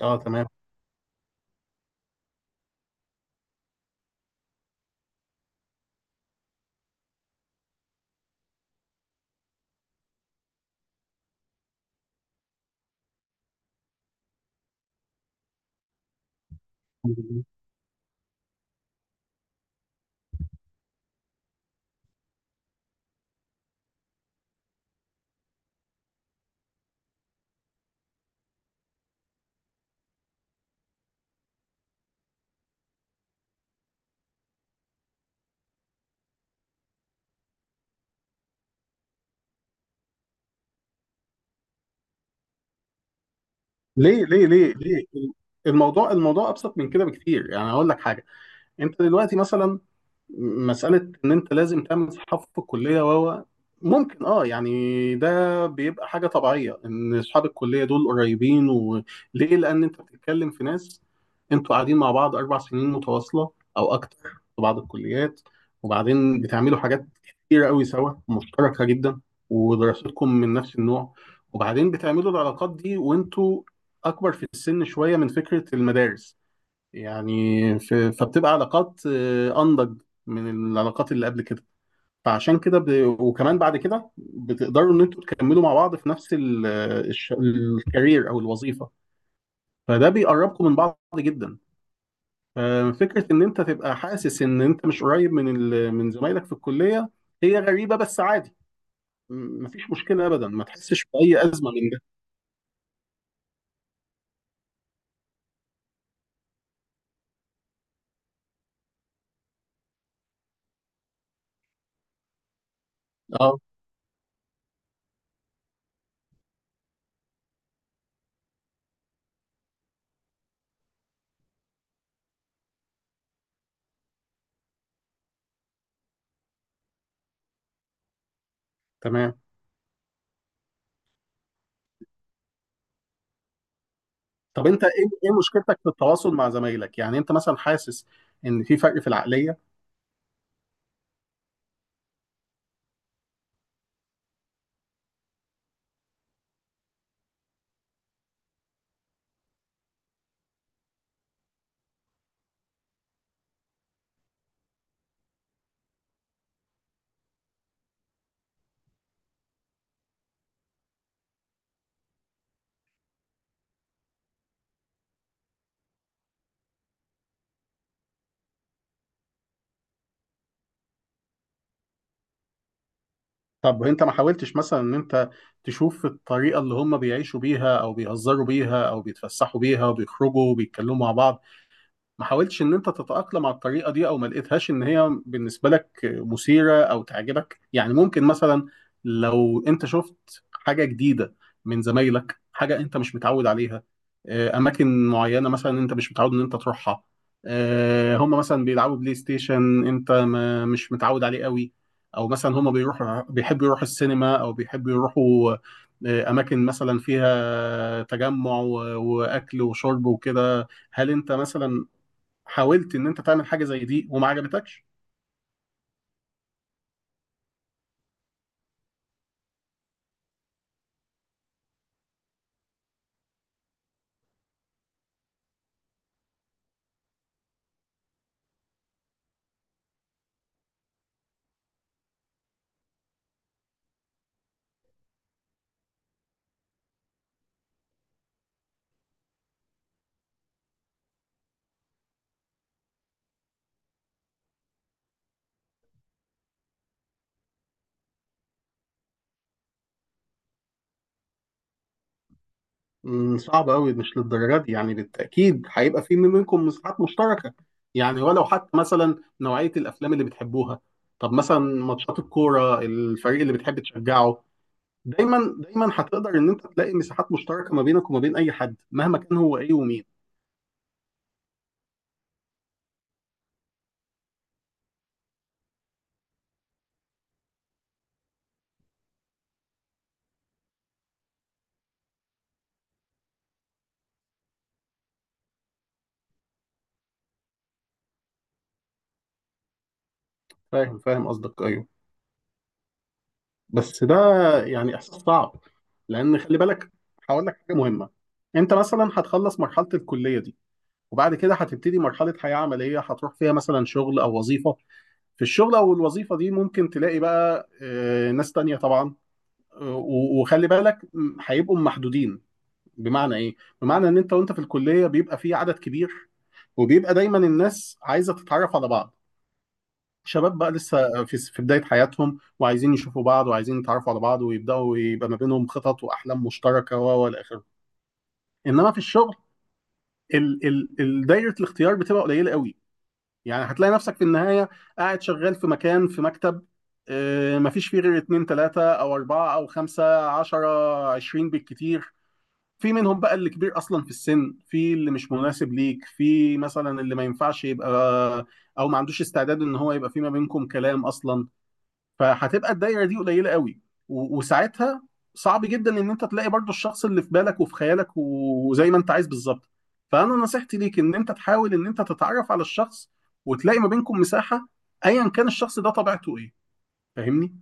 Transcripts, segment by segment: اه تمام. ليه ليه ليه ليه؟ الموضوع ابسط من كده بكتير، يعني هقول لك حاجه. انت دلوقتي مثلا مسألة إن أنت لازم تعمل صحاب في الكلية وهو ممكن اه يعني ده بيبقى حاجة طبيعية، إن أصحاب الكلية دول قريبين، وليه؟ لأن أنت بتتكلم في ناس، أنتوا قاعدين مع بعض أربع سنين متواصلة أو أكتر في بعض الكليات، وبعدين بتعملوا حاجات كتيرة أوي سوا مشتركة جدا، ودراستكم من نفس النوع، وبعدين بتعملوا العلاقات دي وأنتوا أكبر في السن شوية من فكرة المدارس يعني. فبتبقى علاقات انضج من العلاقات اللي قبل كده. فعشان كده وكمان بعد كده بتقدروا ان انتوا تكملوا مع بعض في نفس الكارير او الوظيفه، فده بيقربكم من بعض جدا. ففكره ان انت تبقى حاسس ان انت مش قريب من زمايلك في الكليه، هي غريبه بس عادي. مفيش مشكله ابدا، ما تحسش باي ازمه من ده. اه تمام. طب انت ايه مشكلتك في التواصل مع زمايلك؟ يعني انت مثلا حاسس ان في فرق في العقليه؟ طب انت ما حاولتش مثلا ان انت تشوف الطريقه اللي هم بيعيشوا بيها او بيهزروا بيها او بيتفسحوا بيها وبيخرجوا وبيتكلموا مع بعض؟ ما حاولتش ان انت تتأقلم على الطريقة دي او ما لقيتهاش ان هي بالنسبة لك مثيرة او تعجبك؟ يعني ممكن مثلا لو انت شفت حاجة جديدة من زمايلك، حاجة انت مش متعود عليها، اماكن معينة مثلا انت مش متعود ان انت تروحها، هم مثلا بيلعبوا بلاي ستيشن انت ما مش متعود عليه قوي، او مثلا هم بيروحوا بيحبوا يروحوا السينما او بيحبوا يروحوا اماكن مثلا فيها تجمع واكل وشرب وكده، هل انت مثلا حاولت ان انت تعمل حاجه زي دي وما عجبتكش؟ صعب قوي، مش للدرجه دي يعني، بالتاكيد هيبقى في منكم مساحات مشتركه، يعني ولو حتى مثلا نوعيه الافلام اللي بتحبوها. طب مثلا ماتشات الكوره، الفريق اللي بتحب تشجعه، دايما دايما هتقدر ان انت تلاقي مساحات مشتركه ما بينك وما بين اي حد مهما كان هو ايه ومين. فاهم، فاهم قصدك، ايوه. بس ده يعني احساس صعب، لان خلي بالك، هقول لك حاجه مهمه. انت مثلا هتخلص مرحله الكليه دي، وبعد كده هتبتدي مرحلة حياة عملية هتروح فيها مثلا شغل أو وظيفة. في الشغل أو الوظيفة دي ممكن تلاقي بقى ناس تانية طبعا، وخلي بالك هيبقوا محدودين. بمعنى إيه؟ بمعنى إن أنت وأنت في الكلية بيبقى في عدد كبير، وبيبقى دايما الناس عايزة تتعرف على بعض، شباب بقى لسه في بداية حياتهم، وعايزين يشوفوا بعض وعايزين يتعرفوا على بعض، ويبدأوا يبقى ما بينهم خطط وأحلام مشتركة وإلى آخره. إنما في الشغل دايرة الاختيار بتبقى قليلة قوي. يعني هتلاقي نفسك في النهاية قاعد شغال في مكان، في مكتب، مفيش فيه غير اتنين تلاتة أو أربعة أو خمسة، عشرة عشرين بالكتير، في منهم بقى اللي كبير أصلا في السن، في اللي مش مناسب ليك، في مثلا اللي ما ينفعش يبقى أو ما عندوش استعداد إن هو يبقى في ما بينكم كلام أصلا. فهتبقى الدايره دي قليله قوي، وساعتها صعب جدا ان انت تلاقي برضو الشخص اللي في بالك وفي خيالك وزي ما انت عايز بالظبط. فانا نصيحتي ليك ان انت تحاول ان انت تتعرف على الشخص وتلاقي ما بينكم مساحه ايا كان الشخص ده طبيعته ايه. فاهمني؟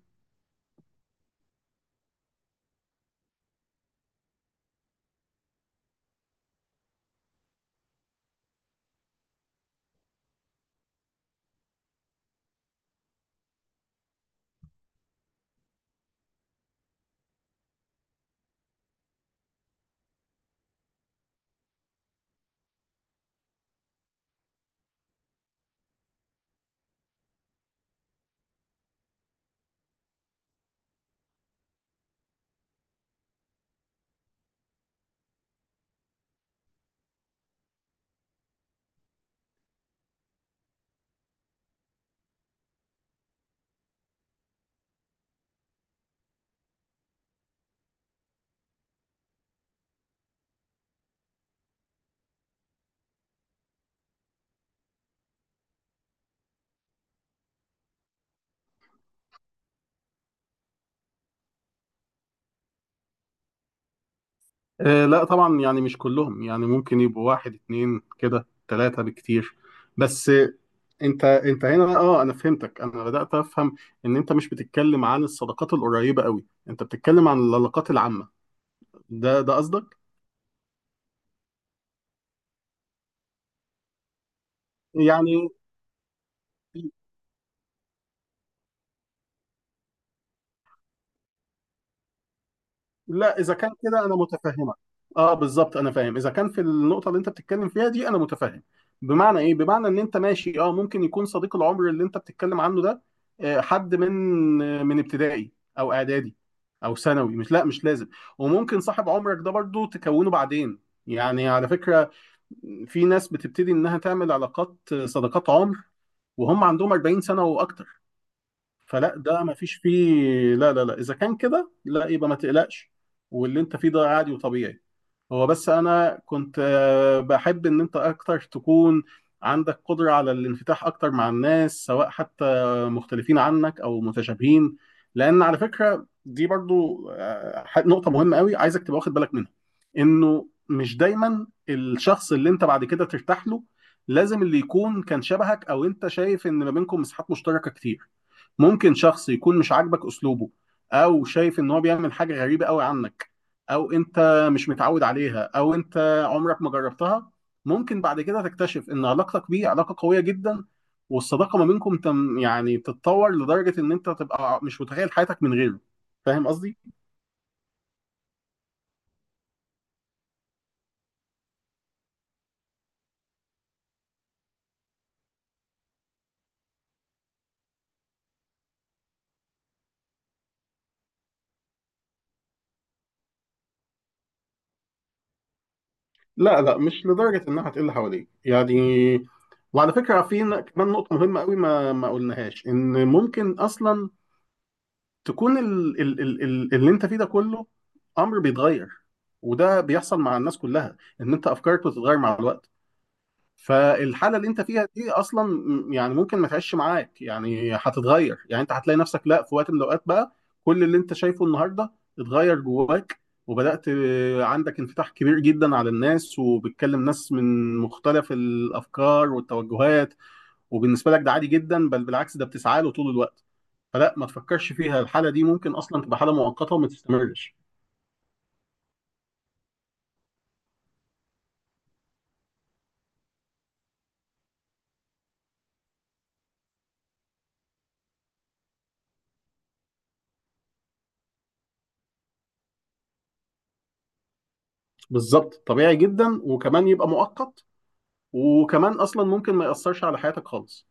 آه لا طبعا، يعني مش كلهم، يعني ممكن يبقوا واحد اتنين كده، ثلاثه بالكتير. بس انت هنا اه انا فهمتك، انا بدات افهم ان انت مش بتتكلم عن الصداقات القريبه قوي، انت بتتكلم عن العلاقات العامه، ده قصدك. يعني لا، اذا كان كده انا متفهمك. اه بالظبط انا فاهم، اذا كان في النقطه اللي انت بتتكلم فيها دي انا متفهم. بمعنى ايه؟ بمعنى ان انت ماشي، اه ممكن يكون صديق العمر اللي انت بتتكلم عنه ده حد من ابتدائي او اعدادي او ثانوي، مش، لا مش لازم. وممكن صاحب عمرك ده برضو تكونه بعدين، يعني على فكره في ناس بتبتدي انها تعمل علاقات صداقات عمر وهم عندهم 40 سنه واكتر. فلا ده ما فيش فيه، لا لا لا اذا كان كده لا، يبقى ما تقلقش، واللي انت فيه ده عادي وطبيعي. هو بس انا كنت بحب ان انت اكتر تكون عندك قدرة على الانفتاح اكتر مع الناس، سواء حتى مختلفين عنك او متشابهين. لان على فكرة دي برضو نقطة مهمة قوي عايزك تبقى واخد بالك منها، انه مش دايما الشخص اللي انت بعد كده ترتاح له لازم اللي يكون كان شبهك او انت شايف ان ما بينكم مساحات مشتركة كتير. ممكن شخص يكون مش عاجبك اسلوبه، او شايف ان هو بيعمل حاجه غريبه قوي عنك او انت مش متعود عليها او انت عمرك ما جربتها، ممكن بعد كده تكتشف ان علاقتك بيه علاقه قويه جدا، والصداقه ما بينكم تم يعني تتطور لدرجه ان انت تبقى مش متخيل حياتك من غيره. فاهم قصدي؟ لا لا، مش لدرجه انها هتقل حواليك يعني. وعلى فكره في كمان نقطه مهمه قوي ما قلناهاش، ان ممكن اصلا تكون ال ال ال ال اللي انت فيه ده كله امر بيتغير، وده بيحصل مع الناس كلها، ان انت افكارك بتتغير مع الوقت. فالحاله اللي انت فيها دي اصلا يعني ممكن ما تعيش معاك، يعني هتتغير، يعني انت هتلاقي نفسك لا في وقت من الاوقات بقى كل اللي انت شايفه النهارده اتغير جواك، وبدات عندك انفتاح كبير جدا على الناس، وبتكلم ناس من مختلف الافكار والتوجهات، وبالنسبه لك ده عادي جدا، بل بالعكس ده بتسعى له طول الوقت. فلا ما تفكرش فيها، الحاله دي ممكن اصلا تبقى حاله مؤقته وما تستمرش. بالظبط طبيعي جدا، وكمان يبقى مؤقت، وكمان اصلا ممكن ما ياثرش على حياتك خالص.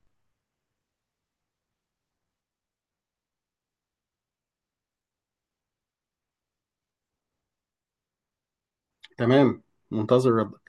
تمام، منتظر رد